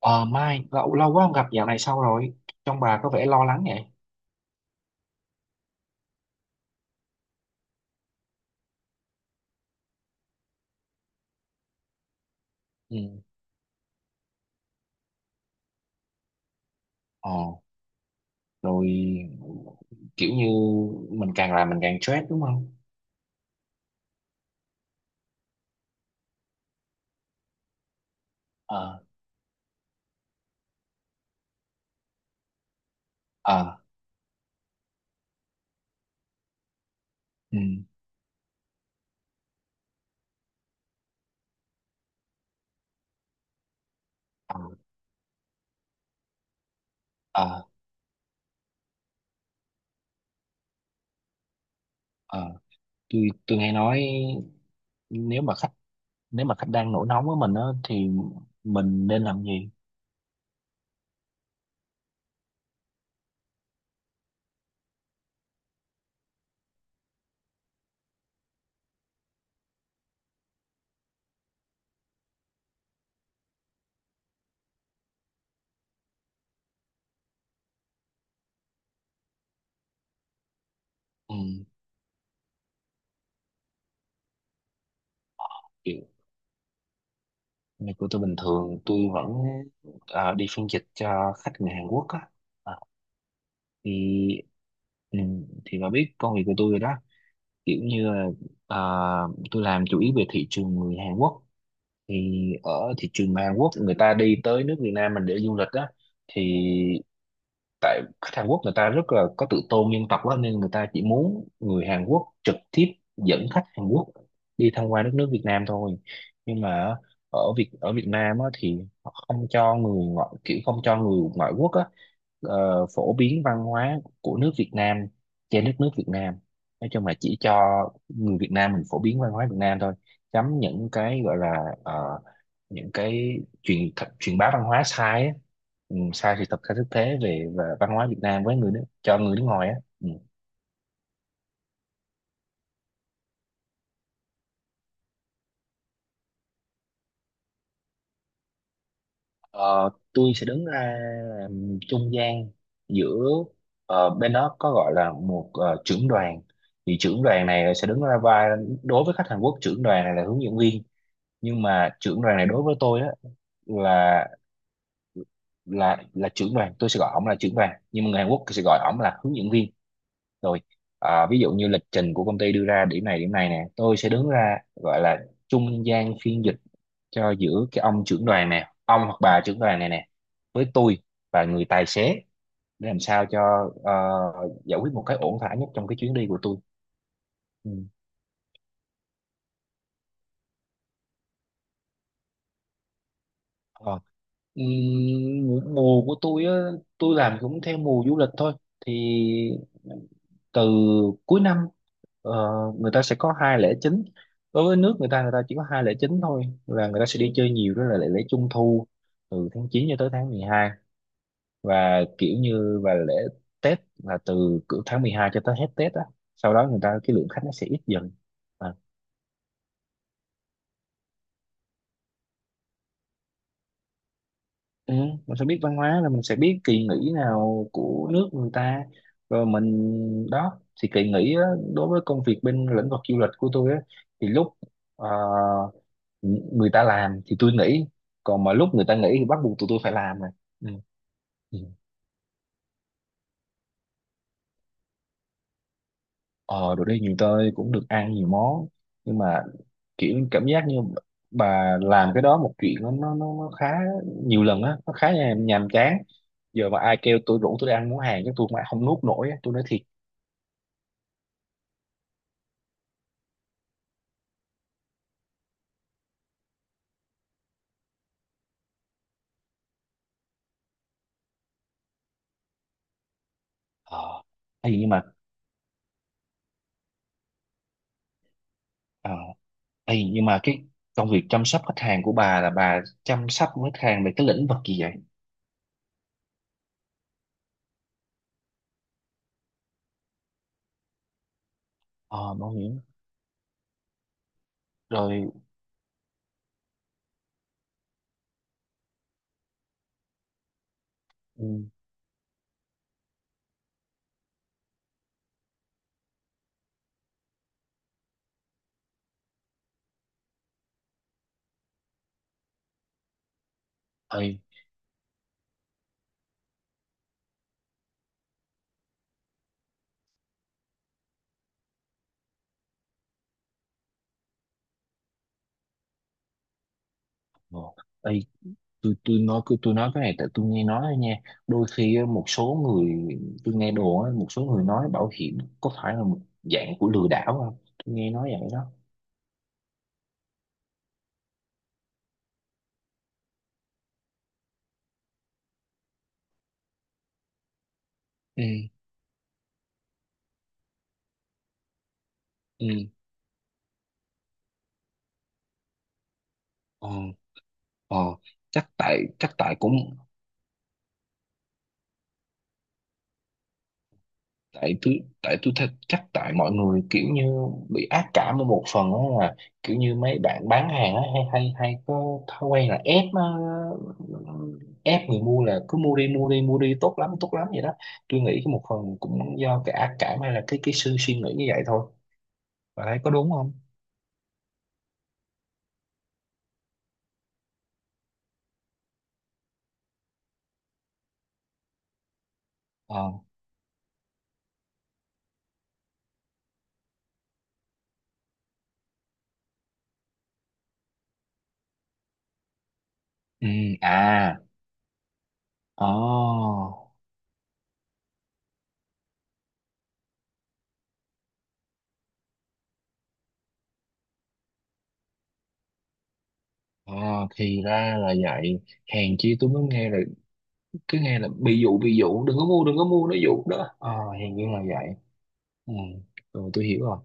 Ờ Mai, lâu quá không gặp dạo này sao rồi? Trong bà có vẻ lo lắng vậy. Ừ. Ờ, Rồi kiểu như mình càng làm mình càng stress đúng không? Ờ. Ờ. Ừ. Ờ. Ờ. Ờ. Tôi nghe nói nếu mà khách nếu mà khách đang nổi nóng với mình á thì mình nên làm gì? Ừ, kiểu này của tôi bình thường tôi vẫn đi phiên dịch cho khách người Hàn Quốc á. Ờ, thì ừ, thì bà biết công việc của tôi rồi đó, kiểu như là à, tôi làm chủ yếu về thị trường người Hàn Quốc, thì ở thị trường Hàn Quốc người ta đi tới nước Việt Nam mình để du lịch á. Thì tại khách Hàn Quốc người ta rất là có tự tôn dân tộc á, nên người ta chỉ muốn người Hàn Quốc trực tiếp dẫn khách Hàn Quốc đi tham quan đất nước Việt Nam thôi. Nhưng mà ở Việt Nam á, thì họ không cho người ngoại, kiểu không cho người ngoại quốc á, phổ biến văn hóa của nước Việt Nam trên đất nước Việt Nam, nói chung là chỉ cho người Việt Nam mình phổ biến văn hóa Việt Nam thôi, chấm những cái gọi là những cái truyền bá văn hóa sai á. Ừ, sai sự thật, sai thực tế về và văn hóa Việt Nam với người nước cho người nước ngoài á, ừ. Ờ, tôi sẽ đứng ra làm trung gian giữa, bên đó có gọi là một trưởng đoàn, thì trưởng đoàn này sẽ đứng ra vai, đối với khách Hàn Quốc trưởng đoàn này là hướng dẫn viên, nhưng mà trưởng đoàn này đối với tôi á là là trưởng đoàn, tôi sẽ gọi ổng là trưởng đoàn nhưng mà người Hàn Quốc sẽ gọi ổng là hướng dẫn viên. Rồi ví dụ như lịch trình của công ty đưa ra điểm này nè, tôi sẽ đứng ra gọi là trung gian phiên dịch cho giữa cái ông trưởng đoàn nè, ông hoặc bà trưởng đoàn này nè, với tôi và người tài xế, để làm sao cho giải quyết một cái ổn thỏa nhất trong cái chuyến đi của tôi, ừ. Ờ. Ừm, mùa mùa của tôi á, tôi làm cũng theo mùa du lịch thôi, thì từ cuối năm, ờ, người ta sẽ có hai lễ chính. Đối với nước người ta, người ta chỉ có hai lễ chính thôi, là người ta sẽ đi chơi nhiều, đó là lễ lễ Trung thu từ tháng 9 cho tới tháng 12, và kiểu như và lễ Tết là từ cỡ tháng 12 cho tới hết Tết á. Sau đó người ta cái lượng khách nó sẽ ít dần. Ừ, mình phải biết văn hóa là mình sẽ biết kỳ nghỉ nào của nước người ta, rồi mình đó thì kỳ nghỉ á, đối với công việc bên lĩnh vực du lịch của tôi á, thì lúc ờ, người ta làm thì tôi nghỉ, còn mà lúc người ta nghỉ thì bắt buộc tụi tôi phải làm rồi, ừ. Ừ. ờ Rồi đi nhiều tôi cũng được ăn nhiều món, nhưng mà kiểu cảm giác như bà làm cái đó một chuyện, nó khá nhiều lần á, nó khá nhàm chán. Giờ mà ai kêu tôi rủ tôi đi ăn món Hàn chứ tôi mà không nuốt nổi á, tôi nói thiệt. ờ thì nhưng mà ờ thì nhưng mà cái công việc chăm sóc khách hàng của bà là bà chăm sóc khách hàng về cái lĩnh vực gì vậy? Ờ Bảo hiểm. Rồi, ừ, thì tôi nói, cứ tôi nói cái này tại tôi nghe nói thôi nha, đôi khi á, một số người, tôi nghe đồn á, một số người nói bảo hiểm có phải là một dạng của lừa đảo không? Tôi nghe nói vậy đó. Ừ. Ừ. Ờ. Ờ. Chắc tại cũng, tại tôi thật, chắc tại mọi người kiểu như bị ác cảm ở một phần á, là kiểu như mấy bạn bán hàng á hay hay hay có thói quen là ép, ép người mua là cứ mua đi mua đi, tốt lắm vậy đó. Tôi nghĩ cái một phần cũng do cái ác cảm, hay là cái sự suy nghĩ như vậy thôi. Bạn thấy có đúng không? Ờ. Ừ. À. Ờ. Ờ, thì ra là vậy, hèn chi tôi mới nghe là cứ nghe là bị dụ, đừng có mua, nó dụ đó, ờ, hèn chi là vậy. Ừ, rồi tôi hiểu rồi.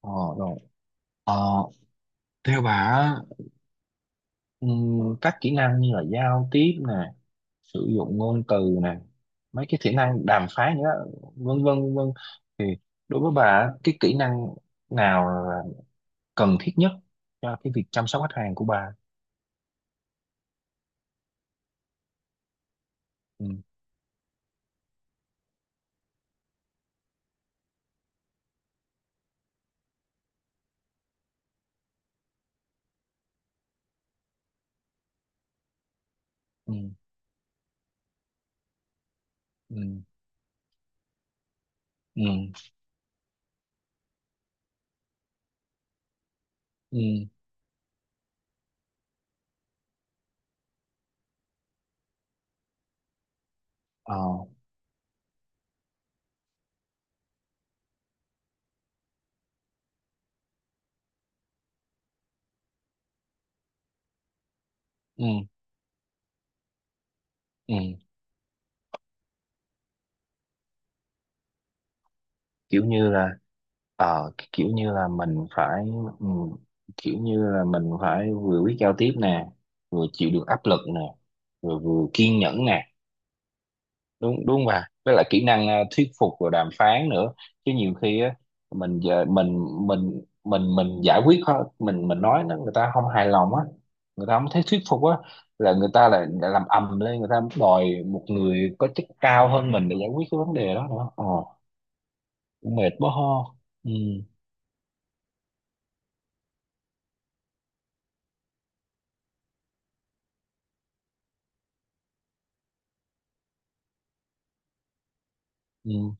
Ờ, rồi. Ờ, theo bà á, các kỹ năng như là giao tiếp nè, sử dụng ngôn từ nè, mấy cái kỹ năng đàm phán nữa, vân vân vân vân. Thì đối với bà á, cái kỹ năng nào là cần thiết nhất cho cái việc chăm sóc khách hàng của bà? Ừ. Ừ. Ừ. Ừ. Ừ. Ờ. Ừ. Ừ. Kiểu như là, kiểu như là mình phải, ừ, kiểu như là mình phải vừa biết giao tiếp nè, vừa chịu được áp lực nè, vừa vừa kiên nhẫn nè, đúng đúng không bà, với lại kỹ năng thuyết phục và đàm phán nữa, chứ nhiều khi á, mình giờ mình giải quyết mình nói nó người ta không hài lòng á, người ta không thấy thuyết phục á, là người ta lại lại làm ầm lên, người ta đòi một người có chức cao hơn mình để giải quyết cái vấn đề đó nữa, ờ, cũng mệt quá ho. Ừ. Ừ.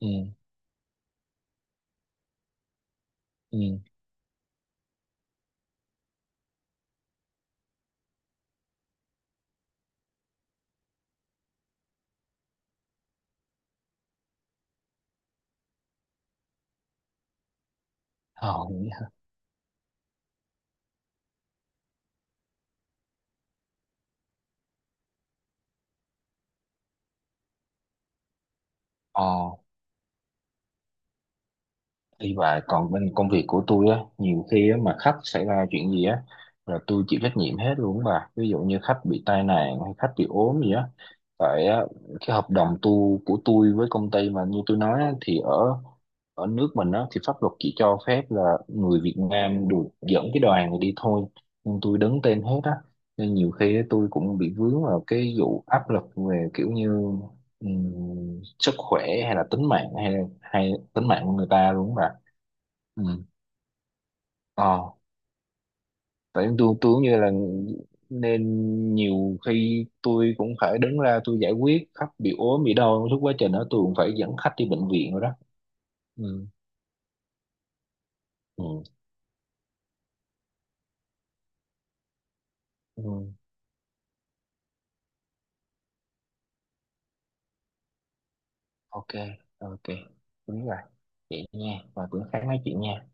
Ừ. Ừ. ờ nghĩ- ờ, đi và còn bên công việc của tôi á, nhiều khi á, mà khách xảy ra chuyện gì á là tôi chịu trách nhiệm hết luôn bà, ví dụ như khách bị tai nạn hay khách bị ốm gì á, tại á, cái hợp đồng tu của tôi với công ty, mà như tôi nói á, thì ở ở nước mình á thì pháp luật chỉ cho phép là người Việt Nam được dẫn cái đoàn này đi thôi, nhưng tôi đứng tên hết á, nên nhiều khi tôi cũng bị vướng vào cái vụ áp lực về kiểu như sức khỏe hay là tính mạng, hay hay tính mạng của người ta luôn mà, ừ. ờ tại Tôi cũng như là, nên nhiều khi tôi cũng phải đứng ra tôi giải quyết khách bị ốm bị đau, suốt quá trình đó tôi cũng phải dẫn khách đi bệnh viện rồi đó, ừ. Ừ. Ừ. OK. OK, đúng rồi, vậy nha, và cũng khá nói chuyện nha.